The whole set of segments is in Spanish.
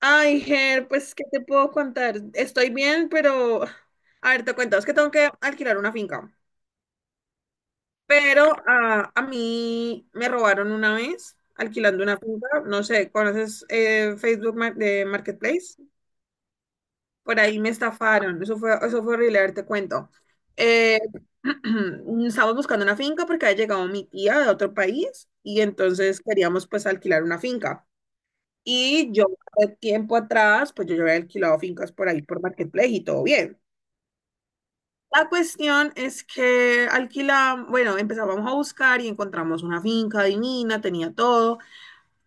Ay, Ger, pues, ¿qué te puedo contar? Estoy bien, pero... A ver, te cuento, es que tengo que alquilar una finca. Pero a mí me robaron una vez alquilando una finca. No sé, ¿conoces Facebook de Marketplace? Por ahí me estafaron. Eso fue horrible, a ver, te cuento. Eh, estábamos buscando una finca porque había llegado mi tía de otro país y entonces queríamos pues alquilar una finca. Y yo, hace tiempo atrás, pues yo ya había alquilado fincas por ahí, por Marketplace y todo bien. La cuestión es que alquilamos, bueno, empezábamos a buscar y encontramos una finca divina, tenía todo.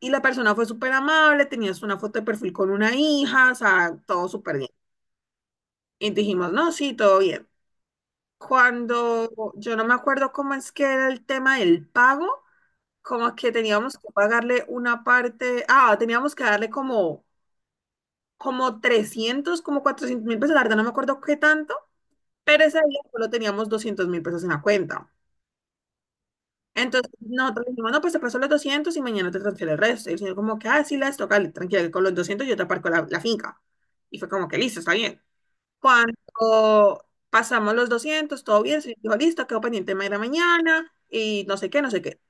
Y la persona fue súper amable, tenías una foto de perfil con una hija, o sea, todo súper bien. Y dijimos, no, sí, todo bien. Cuando yo no me acuerdo cómo es que era el tema del pago, como que teníamos que pagarle una parte, ah, teníamos que darle como 300 como 400.000 pesos, la verdad no me acuerdo qué tanto, pero ese día solo teníamos 200.000 pesos en la cuenta. Entonces nosotros dijimos, no, pues te paso los 200 y mañana te transfiero el resto. Y el señor como que, ah, sí, las toca, tranquila, que con los 200 yo te aparco la finca. Y fue como que, listo, está bien. Cuando pasamos los 200 todo bien, se dijo, listo, quedó pendiente de ir a mañana y no sé qué, no sé qué.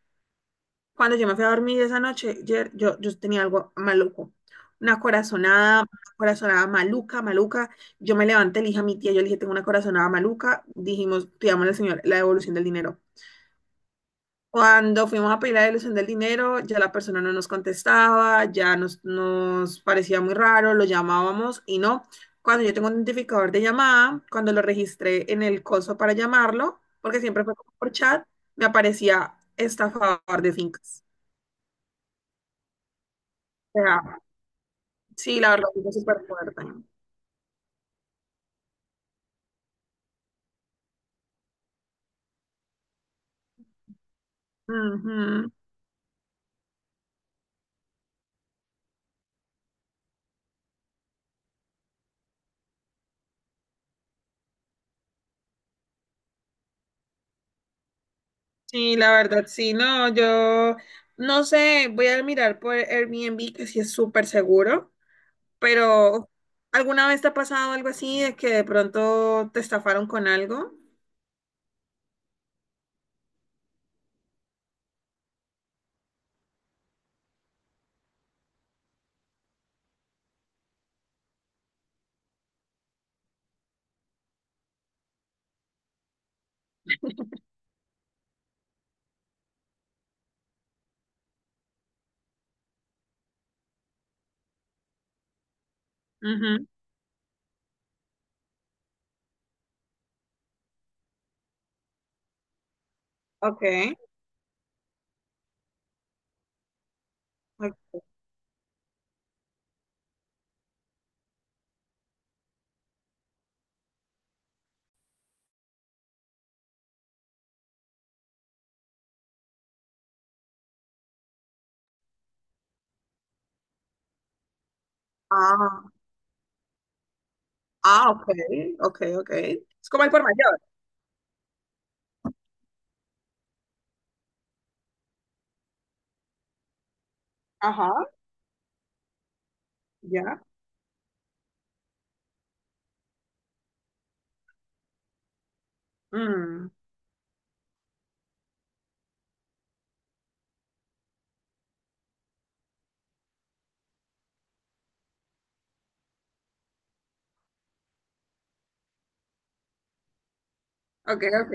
Cuando yo me fui a dormir esa noche, Jer, yo tenía algo maluco. Una corazonada maluca, maluca. Yo me levanté, le dije a mi tía, yo le dije, tengo una corazonada maluca. Dijimos, pidamos al señor la devolución del dinero. Cuando fuimos a pedir la devolución del dinero, ya la persona no nos contestaba, ya nos parecía muy raro, lo llamábamos y no. Cuando yo tengo un identificador de llamada, cuando lo registré en el coso para llamarlo, porque siempre fue como por chat, me aparecía estafador de fincas. O sea, sí, la verdad, es súper fuerte. Ujú. Sí, la verdad, sí, no, yo no sé, voy a mirar por Airbnb, que sí es súper seguro, pero ¿alguna vez te ha pasado algo así de que de pronto te estafaron con algo? Ujú. Ok. Ok. Ah, ah, ok, ok, ok. Es como el por mayor. Ajá, ya. Mm, ok, ok.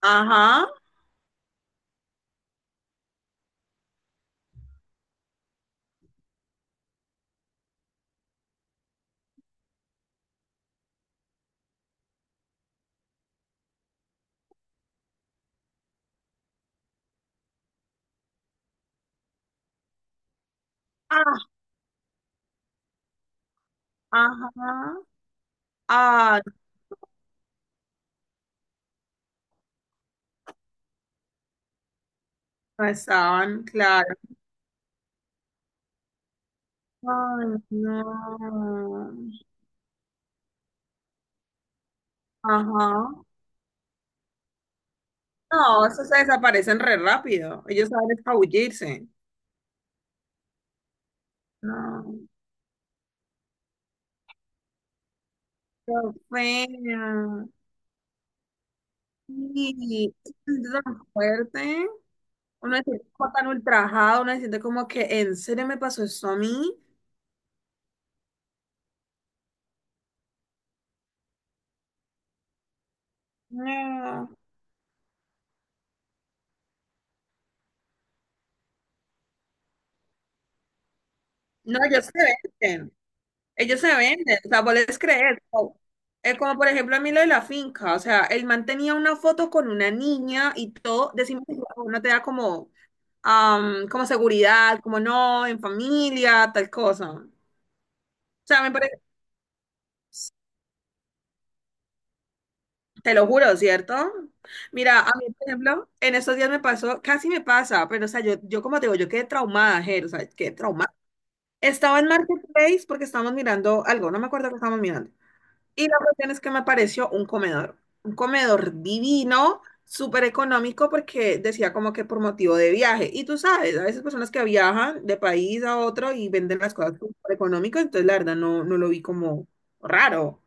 Ajá. Ah, ajá. Ah, no estaban, claro. Ay, no. Ajá. No, esos se desaparecen re rápido. Ellos saben escabullirse. No, qué fea. Y se siente tan fuerte. Uno se siente como tan ultrajado. Uno se siente como que, ¿en serio me pasó esto a mí? No. No, ellos se venden. Ellos se venden. O sea, vos les crees. O- Es como, por ejemplo, a mí lo de la finca. O sea, el man tenía una foto con una niña y todo. Decimos, que no te da como como seguridad, como no, en familia, tal cosa. O sea, me parece, te lo juro, ¿cierto? Mira, a mí, por ejemplo, en estos días me pasó, casi me pasa, pero, o sea, yo como te digo, yo quedé traumada, Ger, o sea, quedé traumada. Estaba en Marketplace porque estábamos mirando algo, no me acuerdo qué estábamos mirando. Y la cuestión es que me pareció un comedor divino, súper económico, porque decía como que por motivo de viaje. Y tú sabes, a veces personas que viajan de país a otro y venden las cosas súper económico, entonces la verdad no, no lo vi como raro.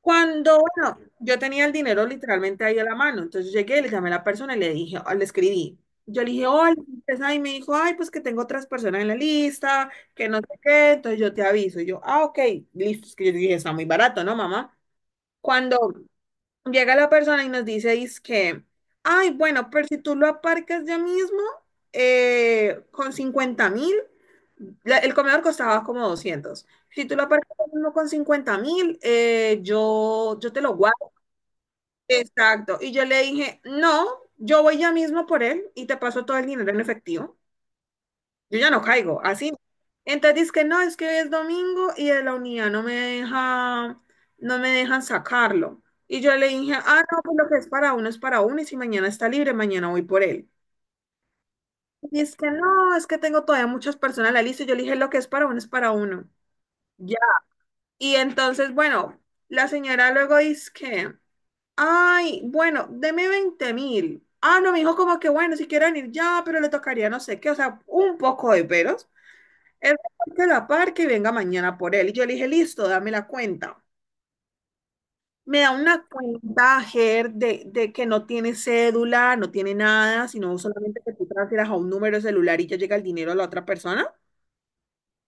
Cuando, bueno, yo tenía el dinero literalmente ahí a la mano, entonces llegué, le llamé a la persona y le dije, le escribí. Yo le dije, hola, empresa", y me dijo, ay, pues que tengo otras personas en la lista, que no sé qué, entonces yo te aviso. Y yo, ah, ok, listo, es que yo dije, está muy barato, ¿no, mamá? Cuando llega la persona y nos dice, que, ay, bueno, pero si tú lo aparcas ya mismo, con 50.000, el comedor costaba como 200. Si tú lo aparcas ya mismo con 50.000, yo te lo guardo. Exacto. Y yo le dije, no, yo voy ya mismo por él y te paso todo el dinero en efectivo. Yo ya no caigo, así. Entonces dice que no, es que hoy es domingo y de la unidad no me deja, no me dejan sacarlo. Y yo le dije, ah, no, pues lo que es para uno y si mañana está libre, mañana voy por él. Y es que no, es que tengo todavía muchas personas en la lista. Y yo le dije, lo que es para uno es para uno. Ya. Y entonces, bueno, la señora luego dice que, ay, bueno, deme 20.000. Ah, no, me dijo como que, bueno, si quieren ir ya, pero le tocaría no sé qué, o sea, un poco de peros. Él que la par que venga mañana por él. Y yo le dije, listo, dame la cuenta. Me da una cuenta, Ger, de que no tiene cédula, no tiene nada, sino solamente que tú transfieras a un número de celular y ya llega el dinero a la otra persona.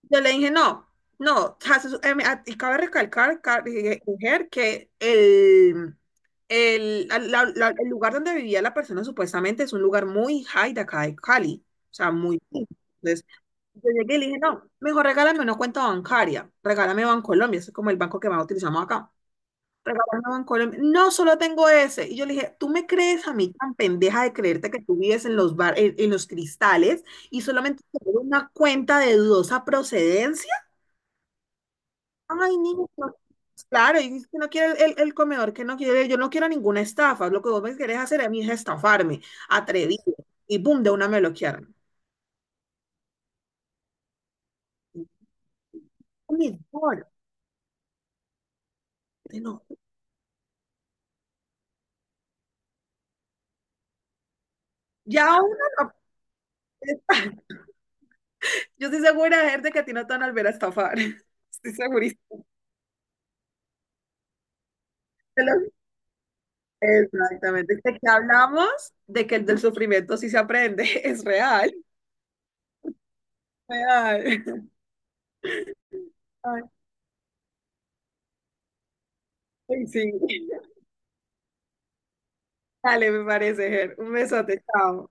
Yo le dije, no, no, y cabe recalcar, Ger, que el lugar donde vivía la persona supuestamente es un lugar muy high de acá de Cali, o sea, muy... Yo llegué y le dije, no, me dijo, regálame una cuenta bancaria, regálame Bancolombia, ese es como el banco que más utilizamos acá. Regálame Bancolombia, no, solo tengo ese. Y yo le dije, ¿tú me crees a mí tan pendeja de creerte que tú vives en los bar, en los cristales y solamente tengo una cuenta de dudosa procedencia? Ay, niño, no. Claro, y dice que no quiere el comedor, que no quiere, yo no quiero ninguna estafa, lo que vos me querés hacer a mí es estafarme, atrevido, y boom, de una me bloquearon. Mi amor, no. Ya uno no Yo estoy segura, Ger, de que a ti no te van a volver a estafar. Estoy segurísima. De lo- Exactamente. De que hablamos de que el del sufrimiento sí se aprende. Es real. Real. Ay, sí. Dale, me parece, Ger. Un besote, chao.